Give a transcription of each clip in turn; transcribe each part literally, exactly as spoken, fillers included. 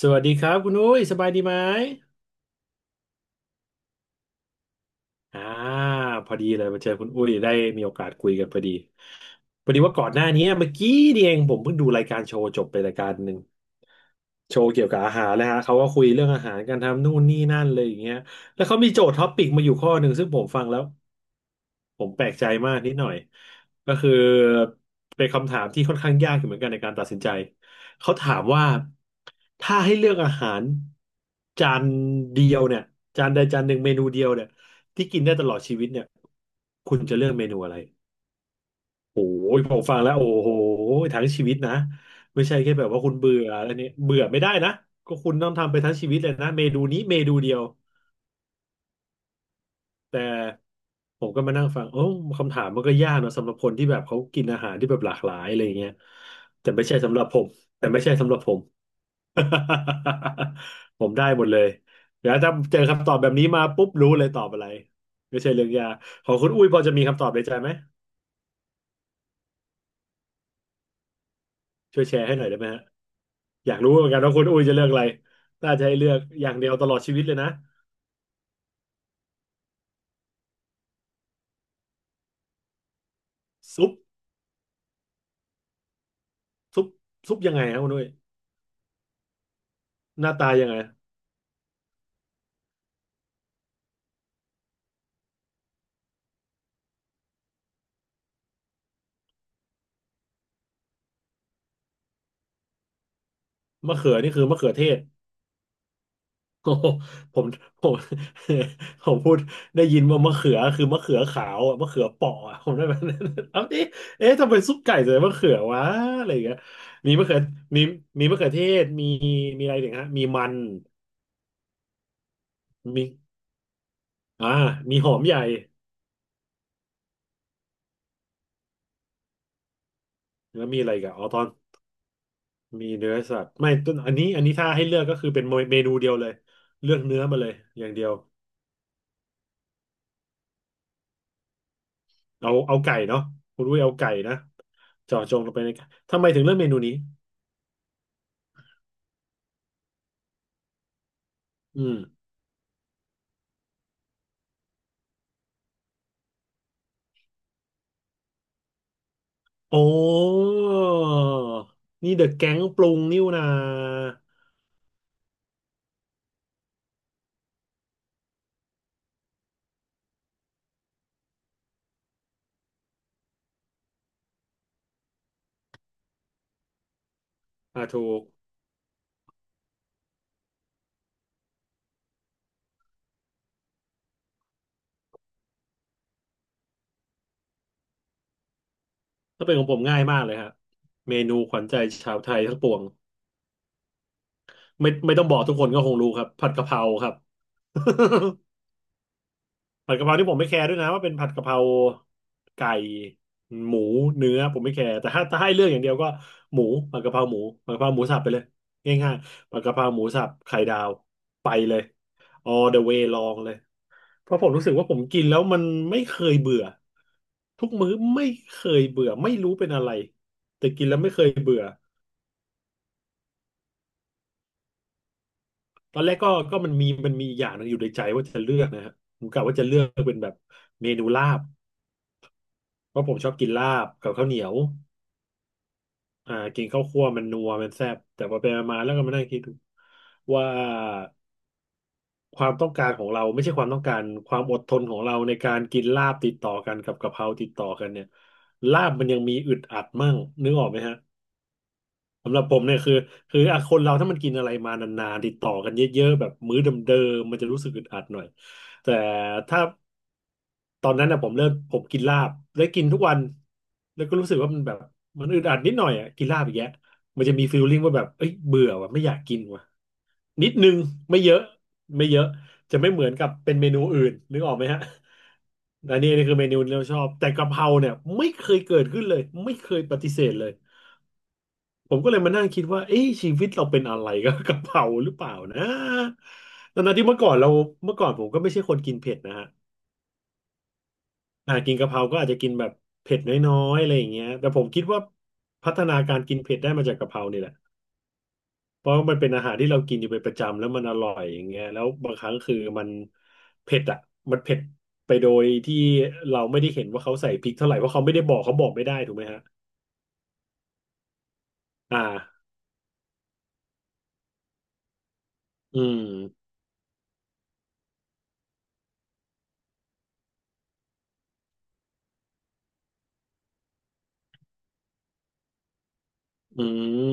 สวัสดีครับคุณอุ้ยสบายดีไหม อ่าพอดีเลยมาเจอคุณอุ้ยได้มีโอกาสคุยกันพอดีพอดีว่าก่อนหน้านี้เมื่อกี้นี่เองผมเพิ่งดูรายการโชว์จบไปรายการหนึ่งโชว์เกี่ยวกับอาหารนะฮะเขาก็คุยเรื่องอาหารกันทำนู่นนี่นั่นเลยอย่างเงี้ยแล้วเขามีโจทย์ท็อปปิกมาอยู่ข้อหนึ่งซึ่งผมฟังแล้วผมแปลกใจมากนิดหน่อยก็คือเป็นคำถามที่ค่อนข้างยากอยู่เหมือนกันในการตัดสินใจเขาถามว่าถ้าให้เลือกอาหารจานเดียวเนี่ยจานใดจานหนึ่งเมนูเดียวเนี่ย ที่กินได้ตลอดชีวิตเนี่ยคุณจะเลือกเมนูอะไรโอ้ยผมฟังแล้วโอ้โหทั้งชีวิตนะไม่ใช่แค่แบบว่าคุณเบื่ออะไรเนี่ยเบื่อไม่ได้นะก็คุณต้องทำไปทั้งชีวิตเลยนะเมนูนี้เมนูเดียวแต่ผมก็มานั่งฟังโอ้คำถามมันก็ยากเนอะสำหรับคนที่แบบเขากินอาหารที่แบบหลากหลายอะไรอย่างเงี้ยแต่ไม่ใช่สำหรับผมแต่ไม่ใช่สำหรับผม ผมได้หมดเลยเดี๋ยวถ้าเจอคำตอบแบบนี้มาปุ๊บรู้เลยตอบอะไรไม่ใช่เรื่องยากของคุณอุ้ยพอจะมีคำตอบในใจไหม ช่วยแชร์ให้หน่อยได้ไหมฮะอยากรู้เหมือนกันว่าคุณอุ้ยจะเลือกอะไรน่าจะให้เลือกอย่างเดียวตลอดชีวิตเลยนะซุปซุปซุปยังไงครับคุณอุ้ยหน้าตายังไงมะเขือนี่คือมะเขือเทศ โอ้โหผมผม ผมพูดได้ยินว่ามะเขือคือมะเขือขาวอะมะเขือเปราะอะผมได้แบบนั้นเอาดิเอ๊ะทำไมซุปไก่ใส่มะเขือวะอะไรอย่างเงี้ยมีมะเขือมีมีมะเขือเทศมีมีอะไรอีกฮะมีมันมีอ่ามีหอมใหญ่แล้วมีอะไรอีกันอ๋อตอน มีเนื้อสัตว์ไม่ต้นอันนี้อันนี้ถ้าให้เลือกก็คือเป็นเมนูเดียวเลยเลือกเนื้อมาเลยอย่างเดียวเอาเอาไก่เนาะคุณด้วยเอาไก่นะเจาะจงลงไปในไก่ทำไมถึงเลือกเมนูนี้อืมโอ้นี่เดอะแก๊งปรุงนิ่วนาอ่าถูกถ้าเป็นของผมง่ายมากเลยฮะเมนูขวัญใจชาวไทยทั้งปวงไม่ไม่ต้องบอกทุกคนก็คงรู้ครับผัดกะเพราครับ ผัดกะเพราที่ผมไม่แคร์ด้วยนะว่าเป็นผัดกะเพราไก่หมูเนื้อผมไม่แคร์แต่ถ้าถ้าให้เลือกอย่างเดียวก็หมูผัดกะเพราหมูผัดกะเพราหมูสับไปเลยง่ายๆผัดกะเพราหมูสับไข่ดาวไปเลย all the way ลองเลยเพราะผมรู้สึกว่าผมกินแล้วมันไม่เคยเบื่อทุกมื้อไม่เคยเบื่อไม่รู้เป็นอะไรแต่กินแล้วไม่เคยเบื่อตอนแรกก็ก็มันมีมันมีอย่างหนึงอยู่ในใจว่าจะเลือกนะฮะผมกะว่าจะเลือกเป็นแบบเมนูลาบเพราะผมชอบกินลาบกับข้าวเหนียว อ่ากินข้าวคั่วมันนัวมันแซ่บแต่พอไปมาแล้วก็มานั่งคิดดูว่าความต้องการของเราไม่ใช่ความต้องการความอดทนของเราในการกินลาบติดต่อกันกับกะเพราติดต่อกันเนี่ยลาบมันยังมีอึดอัดมั่งนึกออกไหมฮะ สำหรับผมเนี่ยคือคืออ่ะคนเราถ้ามันกินอะไรมานานๆติดต่อกันเยอะๆแบบมื้อเดิมๆมันจะรู้สึกอึดอัดหน่อยแต่ถ้าตอนนั้นนะผมเริ่มผมกินลาบแล้วกินทุกวันแล้วก็รู้สึกว่ามันแบบมันอึดอัดนิดหน่อยอ่ะกินลาบอกแย่าง้มันจะมีฟีลลิ่งว่าแบบเอ้ยเบื่อว่ะไม่อยากกินว่ะนิดนึงไม่เยอะไม่เยอะจะไม่เหมือนกับเป็นเมนูอื่นนึกออกไหมฮะอันนี้นี่คือเมนูที่เราชอบแต่กะเพราเนี่ยไม่เคยเกิดขึ้นเลยไม่เคยปฏิเสธเลย ผมก็เลยมานั่งคิดว่าเอ๊ะชีวิตเราเป็นอะไรกับกะเพราหรือเปล่านะตอนนั้นที่เมื่อก่อนเราเมื่อก่อนผมก็ไม่ใช่คนกินเผ็ดนะฮะอ่ากินกะเพราก็อาจจะกินแบบเผ็ดน้อยๆอะไรอย่างเงี้ยแต่ผมคิดว่าพัฒนาการกินเผ็ดได้มาจากกะเพรานี่แหละเพราะว่ามันเป็นอาหารที่เรากินอยู่เป็นประจำแล้วมันอร่อยอย่างเงี้ยแล้วบางครั้งคือมันเผ็ดอ่ะมันเผ็ดไปโดยที่เราไม่ได้เห็นว่าเขาใส่พริกเท่าไหร่เพราะเขาไม่ได้บอกเขาบอกไม่ได้ถูกไหมฮะอ่าอืมอืม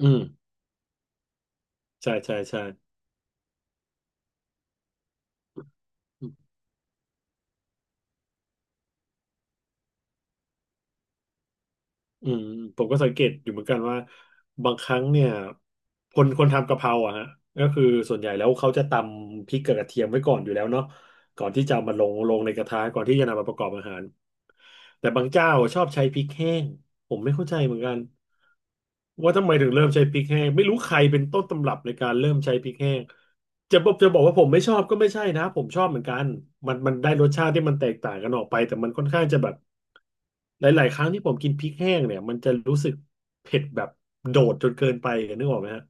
อืมใช่ใช่ใช่ อืมผมก็สังเกตอยู่เหมือนกันว่าบางครั้งเนี่ยคนคนทำกะเพราอะฮะก็คือส่วนใหญ่แล้วเขาจะตำพริกกับกระเทียมไว้ก่อนอยู่แล้วเนาะ ก่อนที่จะเอามาลงลงในกระทะก่อนที่จะนำมาประกอบอาหารแต่บางเจ้าชอบใช้พริกแห้งผมไม่เข้าใจเหมือนกันว่าทำไมถึงเริ่มใช้พริกแห้งไม่รู้ใครเป็นต้นตำรับในการเริ่มใช้พริกแห้งจะบอกจะบอกว่าผมไม่ชอบก็ไม่ใช่นะผมชอบเหมือนกันมันมันได้รสชาติที่มันแตกต่างกันออกไปแต่มันค่อนข้างจะแบบหลายๆครั้งที่ผมกินพริกแห้งเนี่ยมันจะรู้สึกเผ็ดแบบโดดจนเกินไปนึกออกไหมฮะ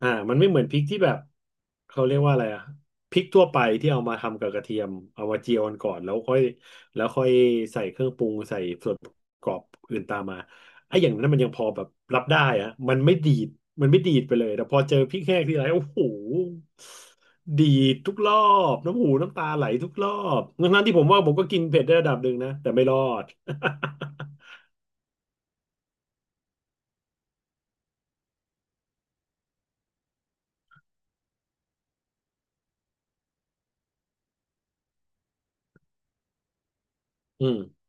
อ่ามันไม่เหมือนพริกที่แบบเขาเรียกว่าอะไรอะพริกทั่วไปที่เอามาทำกับกระเทียมเอามาเจียวกันก่อนแล้วค่อยแล้วค่อยใส่เครื่องปรุงใส่ส่วนประกอบอื่นตามมาไอ้อย่างนั้นมันยังพอแบบรับได้อะมันไม่ดีดมันไม่ดีดไปเลยแต่พอเจอพริกแห้งทีไรโอ้โหดีดทุกรอบน้ำหูน้ำตาไหลทุกรอบทั้งๆที่ผมว่าผมก็กินเผ็ดได้ระดับหนึ่งนะแต่ไม่รอด อืม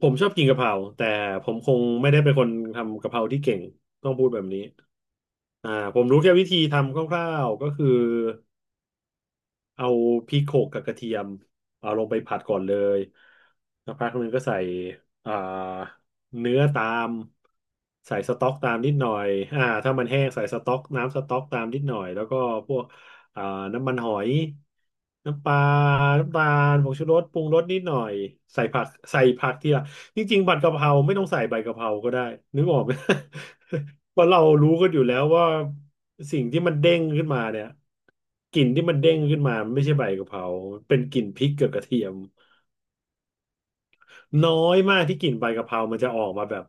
ผมชอบกินกะเพราแต่ผมคงไม่ได้เป็นคนทำกะเพราที่เก่งต้องพูดแบบนี้ อ่าผมรู้แค่วิธีทำคร่าวๆก็คือเอาพริกโขลกกับกระเทียมเอาลงไปผัดก่อนเลยสักพักหนึงก็ใส่อ่าเนื้อตามใส่สต๊อกตามนิดหน่อยอ่าถ้ามันแห้งใส่สต๊อกน้ำสต๊อกตามนิดหน่อยแล้วก็พวกอ่าน้ำมันหอยน้ำปลาน้ำตาลผงชูรสปรุงรสนิดหน่อยใส่ผักใส่ผักทีหลัง จริงๆผัดกะเพราไม่ต้องใส่ใบกะเพราก็ได้นึกออกไหม เพราะเรารู้กันอยู่แล้วว่าสิ่งที่มันเด้งขึ้นมาเนี่ยกลิ่นที่มันเด้งขึ้นมามันไม่ใช่ใบกะเพราเป็นกลิ่นพริกกับกระเทียมน้อยมากที่กลิ่นใบกะเพรามันจะออกมาแบบ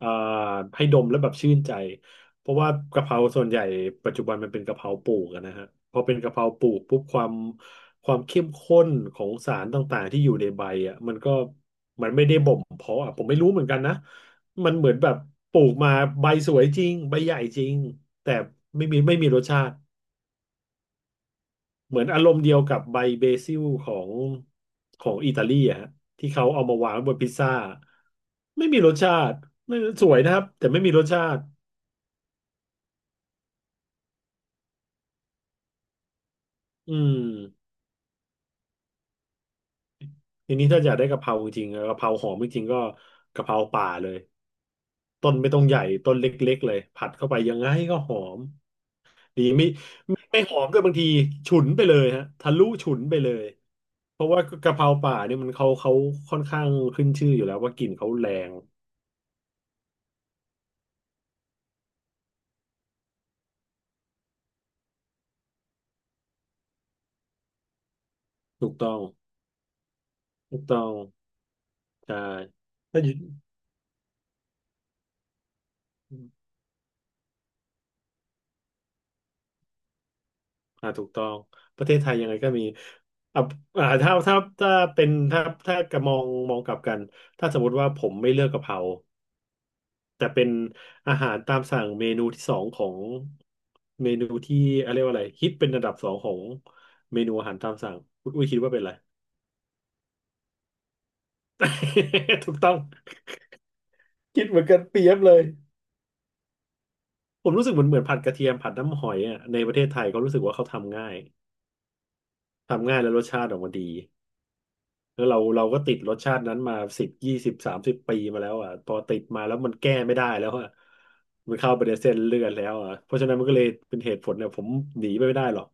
อ่าให้ดมแล้วแบบชื่นใจเพราะว่ากะเพราส่วนใหญ่ปัจจุบันมันเป็นกะเพราปลูกอะนะฮะพอเป็นกะเพราปลูกปุ๊บความความเข้มข้นของสารต่างๆที่อยู่ในใบอ่ะมันก็มันไม่ได้บ่มเพาะอะผมไม่รู้เหมือนกันนะมันเหมือนแบบปลูกมาใบสวยจริงใบใหญ่จริงแต่ไม่มีไม่มีรสชาติเหมือนอารมณ์เดียวกับใบเบซิลของของอิตาลีอะฮะที่เขาเอามาวางบนพิซซ่าไม่มีรสชาติไม่สวยนะครับแต่ไม่มีรสชาติ อืมทีนี้ถ้าอยากได้กะเพราจริงๆกะเพราหอมจริงๆก็กะเพราป่าเลยต้นไม่ต้องใหญ่ต้นเล็กๆเลยผัดเข้าไปยังไงก็หอมดีไม่ไม่หอมด้วยบางทีฉุนไปเลยฮะทะลุฉุนไปเลยเพราะว่ากะเพราป่าเนี่ยมันเขาเขาค่อนข้างขึ้นชื่ออยู่แล้วว่ากลิ่นเขาแรงถูกต้องถูกต้องใช่ถ้าอยู่ อ่าถูกต้อง ประเทศไทยยังไงก็มีอ่ะอ่าถ้าถ้าถ้าเป็นถ้าถ้ากะมองมองกลับกัน ถ้าสมมติว่าผมไม่เลือกกะเพราแต่เป็นอาหารตามสั่งเมนูที่สองของเมนูที่อะไรยกว่าอะไรฮิตเป็นอันดับสองของเมนูอาหารตามสั่งคุณอุ้ยคิดว่าเป็นอะไร ถูกต้องคิดเหมือนกันเปรียบเลย ผมรู้สึกเหมือนเหมือนผัดกระเทียมผัดน้ำหอยอ่ะในประเทศไทยเขารู้สึกว่า เขาทำง่ายทำง่ายแล้วรสชาติออกมาดี แล้วเราเราก็ติดรสชาตินั้นมาสิบ ยี่สิบ สามสิบปีมาแล้วอ่ะพอติดมาแล้วมันแก้ไม่ได้แล้วอ่ะมันเข้าไปในเส้นเลือดแล้วอ่ะเพราะฉะนั้นมันก็เลยเป็นเหตุผลเนี่ยผมหนีไปไม่ได้หรอก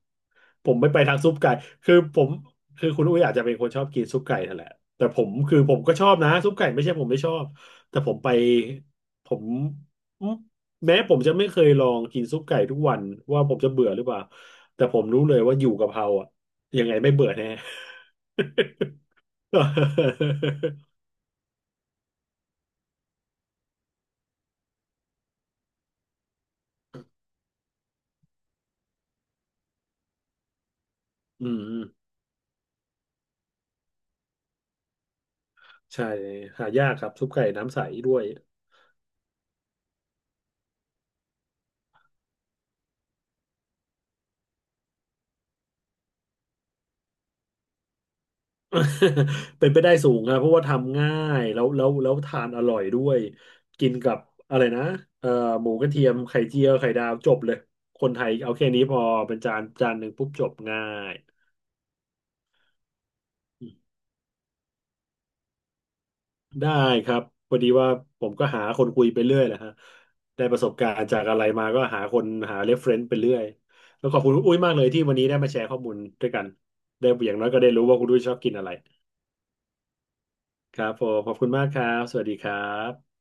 ผมไม่ไปทางซุปไก่คือผมคือคุณอุ้ยอาจจะเป็นคนชอบกินซุปไก่นั่นแหละแต่ผมคือผมก็ชอบนะซุปไก่ไม่ใช่ผมไม่ชอบแต่ผมไปผมอืมแม้ผมจะไม่เคยลองกินซุปไก่ทุกวันว่าผมจะเบื่อหรือเปล่าแต่ผมรู้เลยว่าอยู่กะเพราอ่ะยังไงไม่เบื่อแน่ อืมใช่หายากครับซุปไก่น้ำใสด้วย เป็นไปได้สูงครับเพราะว่าทำง่ายแล้วแล้วแล้วทานอร่อยด้วยกินกับอะไรนะเอ่อหมูกระเทียมไข่เจียวไข่ดาวจบเลยคนไทยเอาแค่นี้พอเป็นจานจานหนึ่งปุ๊บจบง่าย ได้ครับพอดีว่าผมก็หาคนคุยไปเรื่อยแหละฮะได้ประสบการณ์จากอะไรมาก็หาคนหาเรฟเฟรนซ์ไปเรื่อยแล้วขอบคุณคุณอุ้ยมากเลยที่วันนี้ได้มาแชร์ข้อมูลด้วยกันได้อย่างน้อยก็ได้รู้ว่าคุณอุ้ยชอบกินอะไรครับผมขอบคุณมากครับสวัสดีครับ